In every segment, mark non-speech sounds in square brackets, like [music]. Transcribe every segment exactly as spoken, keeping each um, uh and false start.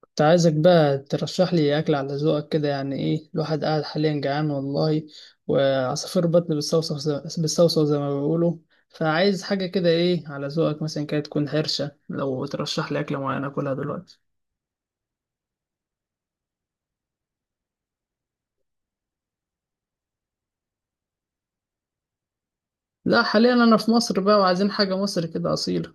كنت عايزك بقى ترشح لي أكل على ذوقك كده. يعني إيه الواحد قاعد حاليا جعان والله، وعصافير بطن بالصوصة بالصوصة زي ما بيقولوا. فعايز حاجة كده، إيه على ذوقك مثلا، كده تكون حرشة، لو ترشح لي أكلة معينة أكلها دلوقتي. لا حاليا أنا في مصر بقى، وعايزين حاجة مصر كده أصيلة.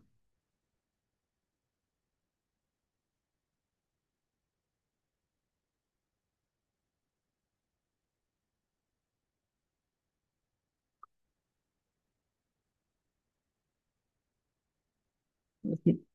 [laughs]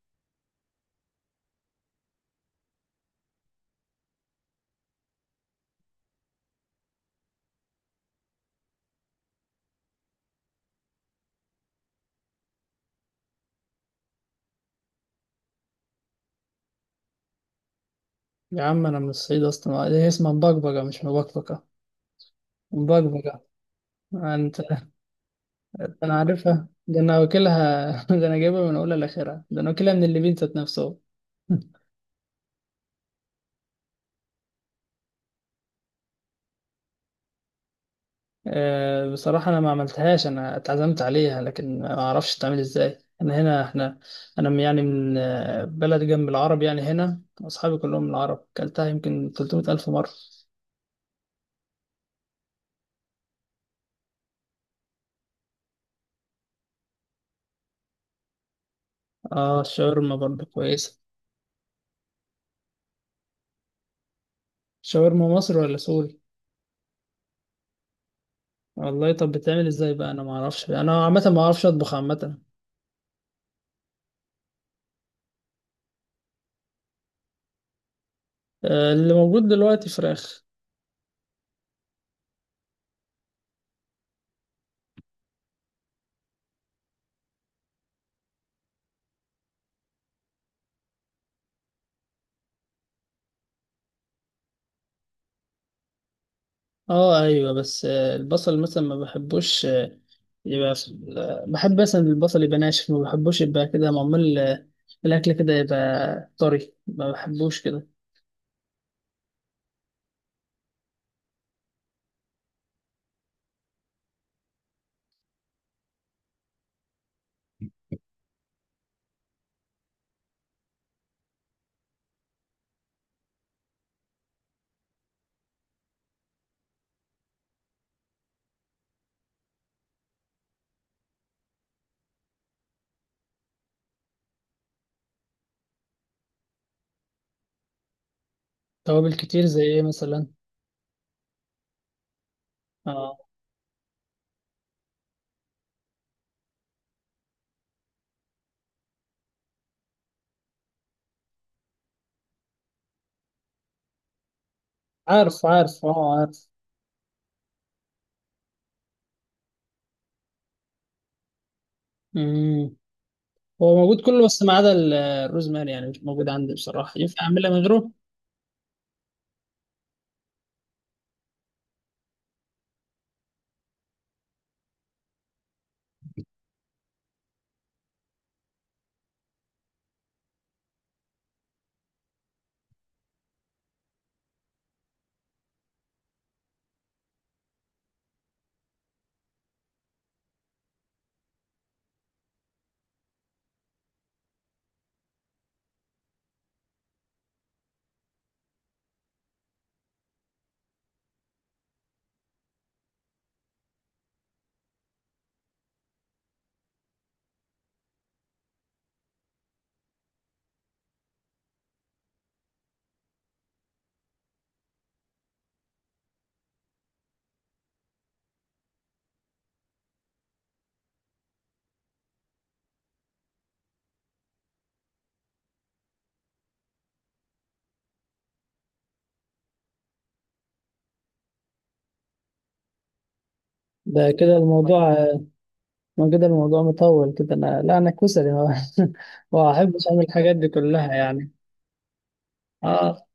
يا عم أنا من الصعيد أصلا، هي اسمها مبكبكة مش مبكبكة، مبكبكة. أنت، أنا عارفها، ده أنا واكلها [laughs] ده أنا جايبها من أولها لآخرها، ده أنا واكلها من اللي بين ذات نفسه. آه، بصراحة أنا ما عملتهاش، أنا اتعزمت عليها لكن ما أعرفش تعمل إزاي. أنا هنا إحنا، أنا من- يعني من آه، بلد جنب العرب، يعني هنا أصحابي كلهم من العرب، كلتها يمكن ثلاثمائة ألف مرة. آه الشاورما برضه كويسة. شاورما مصري ولا سوري؟ والله طب بتعمل إزاي بقى، أنا ما أعرفش، أنا عامة ما أعرفش أطبخ عامة. آه، اللي موجود دلوقتي فراخ. اه ايوه، بس آه، البصل مثلا ما بحبوش آه، يبقى في- آه، بحب مثلا البصل يبقى ناشف، ما بحبوش يبقى كده معمول آه، الاكل كده يبقى طري، ما بحبوش كده. توابل كتير زي ايه مثلا؟ اه عارف عارف اه عارف. امم. هو موجود كله بس ما عدا ال- الروزماري، يعني مش موجود عندي بصراحة، ينفع اعملها من غيره؟ ده كده الموضوع آه، ما كده الموضوع مطول كده، انا لا انا كسلي [laughs] ما ما بحبش اعمل الحاجات دي كلها يعني. اه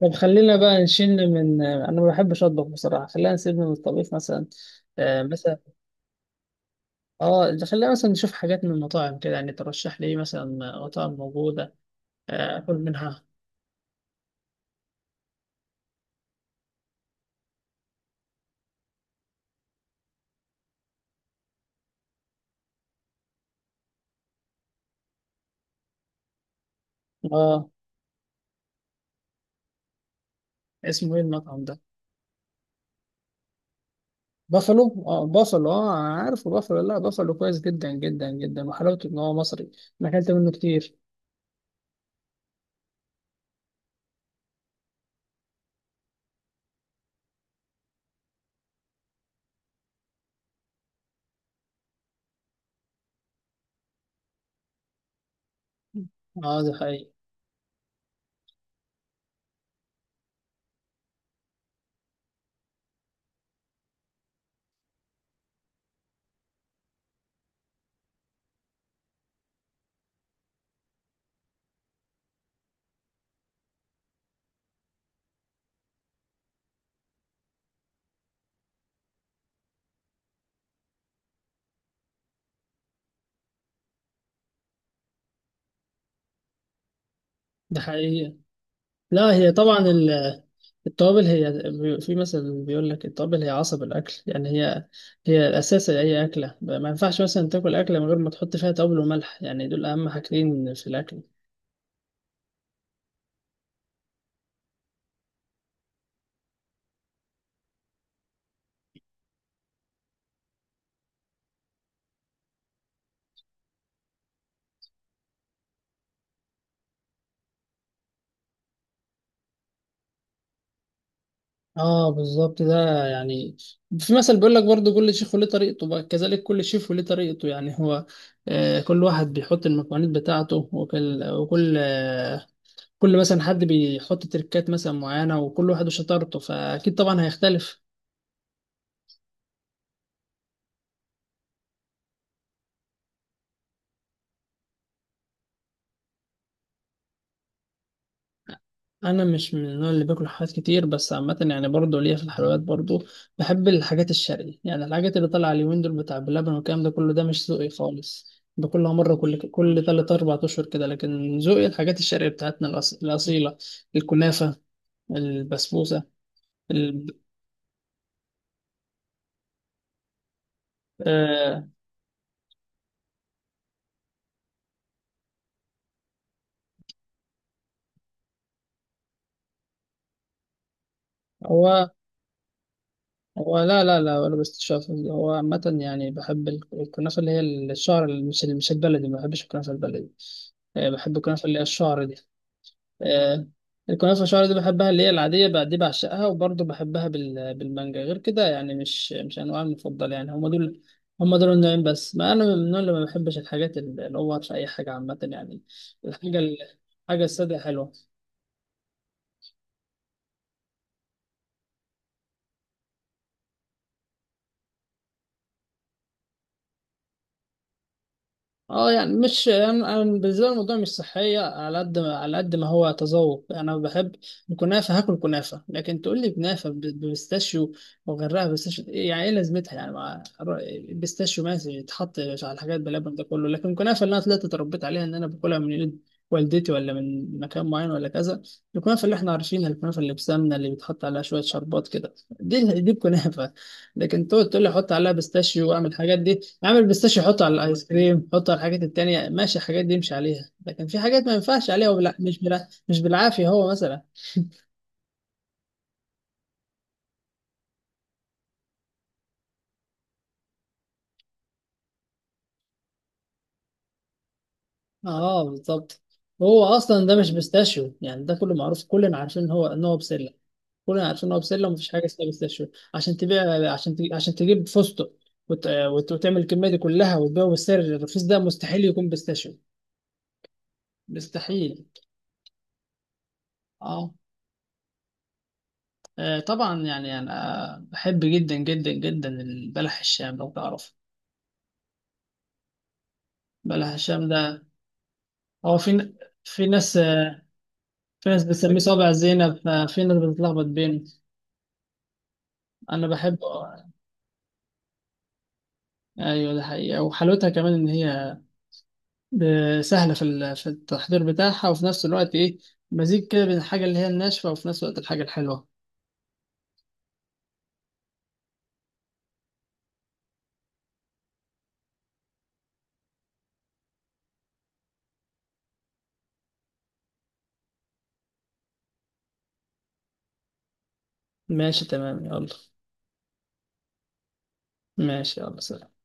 طب خلينا بقى نشن من، انا ما بحبش اطبخ بصراحه، خلينا نسيبنا من الطبيخ مثلا. آه مثلا. اه ده خلينا مثلا نشوف حاجات من المطاعم كده، يعني ترشح لي إيه مثلا؟ مطاعم موجوده آه اكل منها. اه اسمه ايه المطعم ده؟ بافلو، اه بافلو، اه أنا عارفه بافلو، لا بافلو كويس جدا جدا جدا، وحلاوته ان هو مصري. انا اكلت منه كتير. اه ده حقيقي ده حقيقي. لا هي طبعا التوابل هي بي- في مثلا بيقول لك التوابل هي عصب الاكل، يعني هي هي الاساس لاي اكله، ما ينفعش مثلا تاكل اكله من غير ما تحط فيها توابل وملح، يعني دول اهم حاجتين في الاكل. اه بالظبط ده يعني. في مثل بيقول لك برضو كل شيف وليه طريقته، بقى كذلك كل شيف وليه طريقته، يعني هو آه كل واحد بيحط المكونات بتاعته، وكل وكل آه كل مثلا حد بيحط تركات مثلا معينة، وكل واحد وشطارته، فأكيد طبعا هيختلف. انا مش من النوع اللي باكل حاجات كتير، بس عامه يعني برضه ليا في الحلويات برضه. بحب الحاجات الشرقي، يعني الحاجات اللي طالعه اليومين دول بتاع بلبن والكلام ده كله ده مش ذوقي خالص، باكلها مره كل كل تلات اربع اشهر كده، لكن ذوقي الحاجات الشرقيه بتاعتنا الأص... الاصيله. الكنافه، البسبوسه. ال... آه... هو هو لا لا لا، ولا بستشاف، هو عامة يعني بحب ال- الكنافة اللي هي الشعر، اللي مش مش البلدي، ما بحبش الكنافة البلدي. آه، بحب الكنافة اللي هي الشعر دي. آه، الكنافة شعري دي بحبها، اللي هي العادية بقى دي بعشقها، وبرضه بحبها بال- بالمانجا، غير كده يعني مش مش أنواع المفضلة، يعني هما دول. هما دول النوعين بس، ما أنا من النوع اللي ما بحبش الحاجات، اللي اللي هو في أي حاجة عامة يعني. الحاجة ال- الحاجة السادة حلوة. اه يعني مش انا، أنا بالنسبه لي الموضوع مش صحيه، على قد ما على قد ما هو تذوق. انا بحب الكنافه، هاكل كنافه، لكن تقول لي كنافه ب- ببستاشيو وغيرها بستاشيو، يعني ايه لازمتها؟ يعني مع البستاشيو ماشي يتحط، مش على الحاجات بلبن ده كله. لكن الكنافه اللي انا طلعت اتربيت عليها ان انا باكلها من ايد والدتي ولا من مكان معين ولا كذا، الكنافه اللي احنا عارفينها، الكنافه اللي بسمنه اللي بيتحط عليها شويه شربات كده، دي دي الكنافه. لكن تقعد تقول لي احط عليها بستاشيو واعمل الحاجات دي، اعمل بيستاشيو حطه على الايس كريم، حطه على الحاجات التانية، ماشي الحاجات دي يمشي عليها. لكن في حاجات ما ينفعش عليها، وبلا مش بلا مش بالعافية هو مثلا. اه بالظبط. هو اصلا ده مش بيستاشيو، يعني ده كله معروف، كلنا عارفين ان هو ان هو بسلة. كلنا عارفين ان هو بسلة، ومفيش حاجة اسمها بيستاشيو، عشان تبيع، عشان تجيب، عشان تجيب فستق وت... وت... وتعمل الكمية دي كلها وتبيعه بالسعر الرخيص ده، مستحيل يكون بيستاشيو. مستحيل. اه آه، طبعا يعني انا بحب جدا جدا جدا البلح الشام لو تعرف. بلح الشام ده، هو في ن- في ناس، في ناس بتسميه صابع زينب، ففي ناس بتتلخبط بينه. انا بحب. ايوه ده حقيقة، وحلاوتها كمان ان هي ب- سهلة في ال- في التحضير بتاعها، وفي نفس الوقت ايه، مزيج كده بين الحاجة اللي هي الناشفة وفي نفس الوقت الحاجة الحلوة. ماشي تمام يلا. ماشي يلا سلام.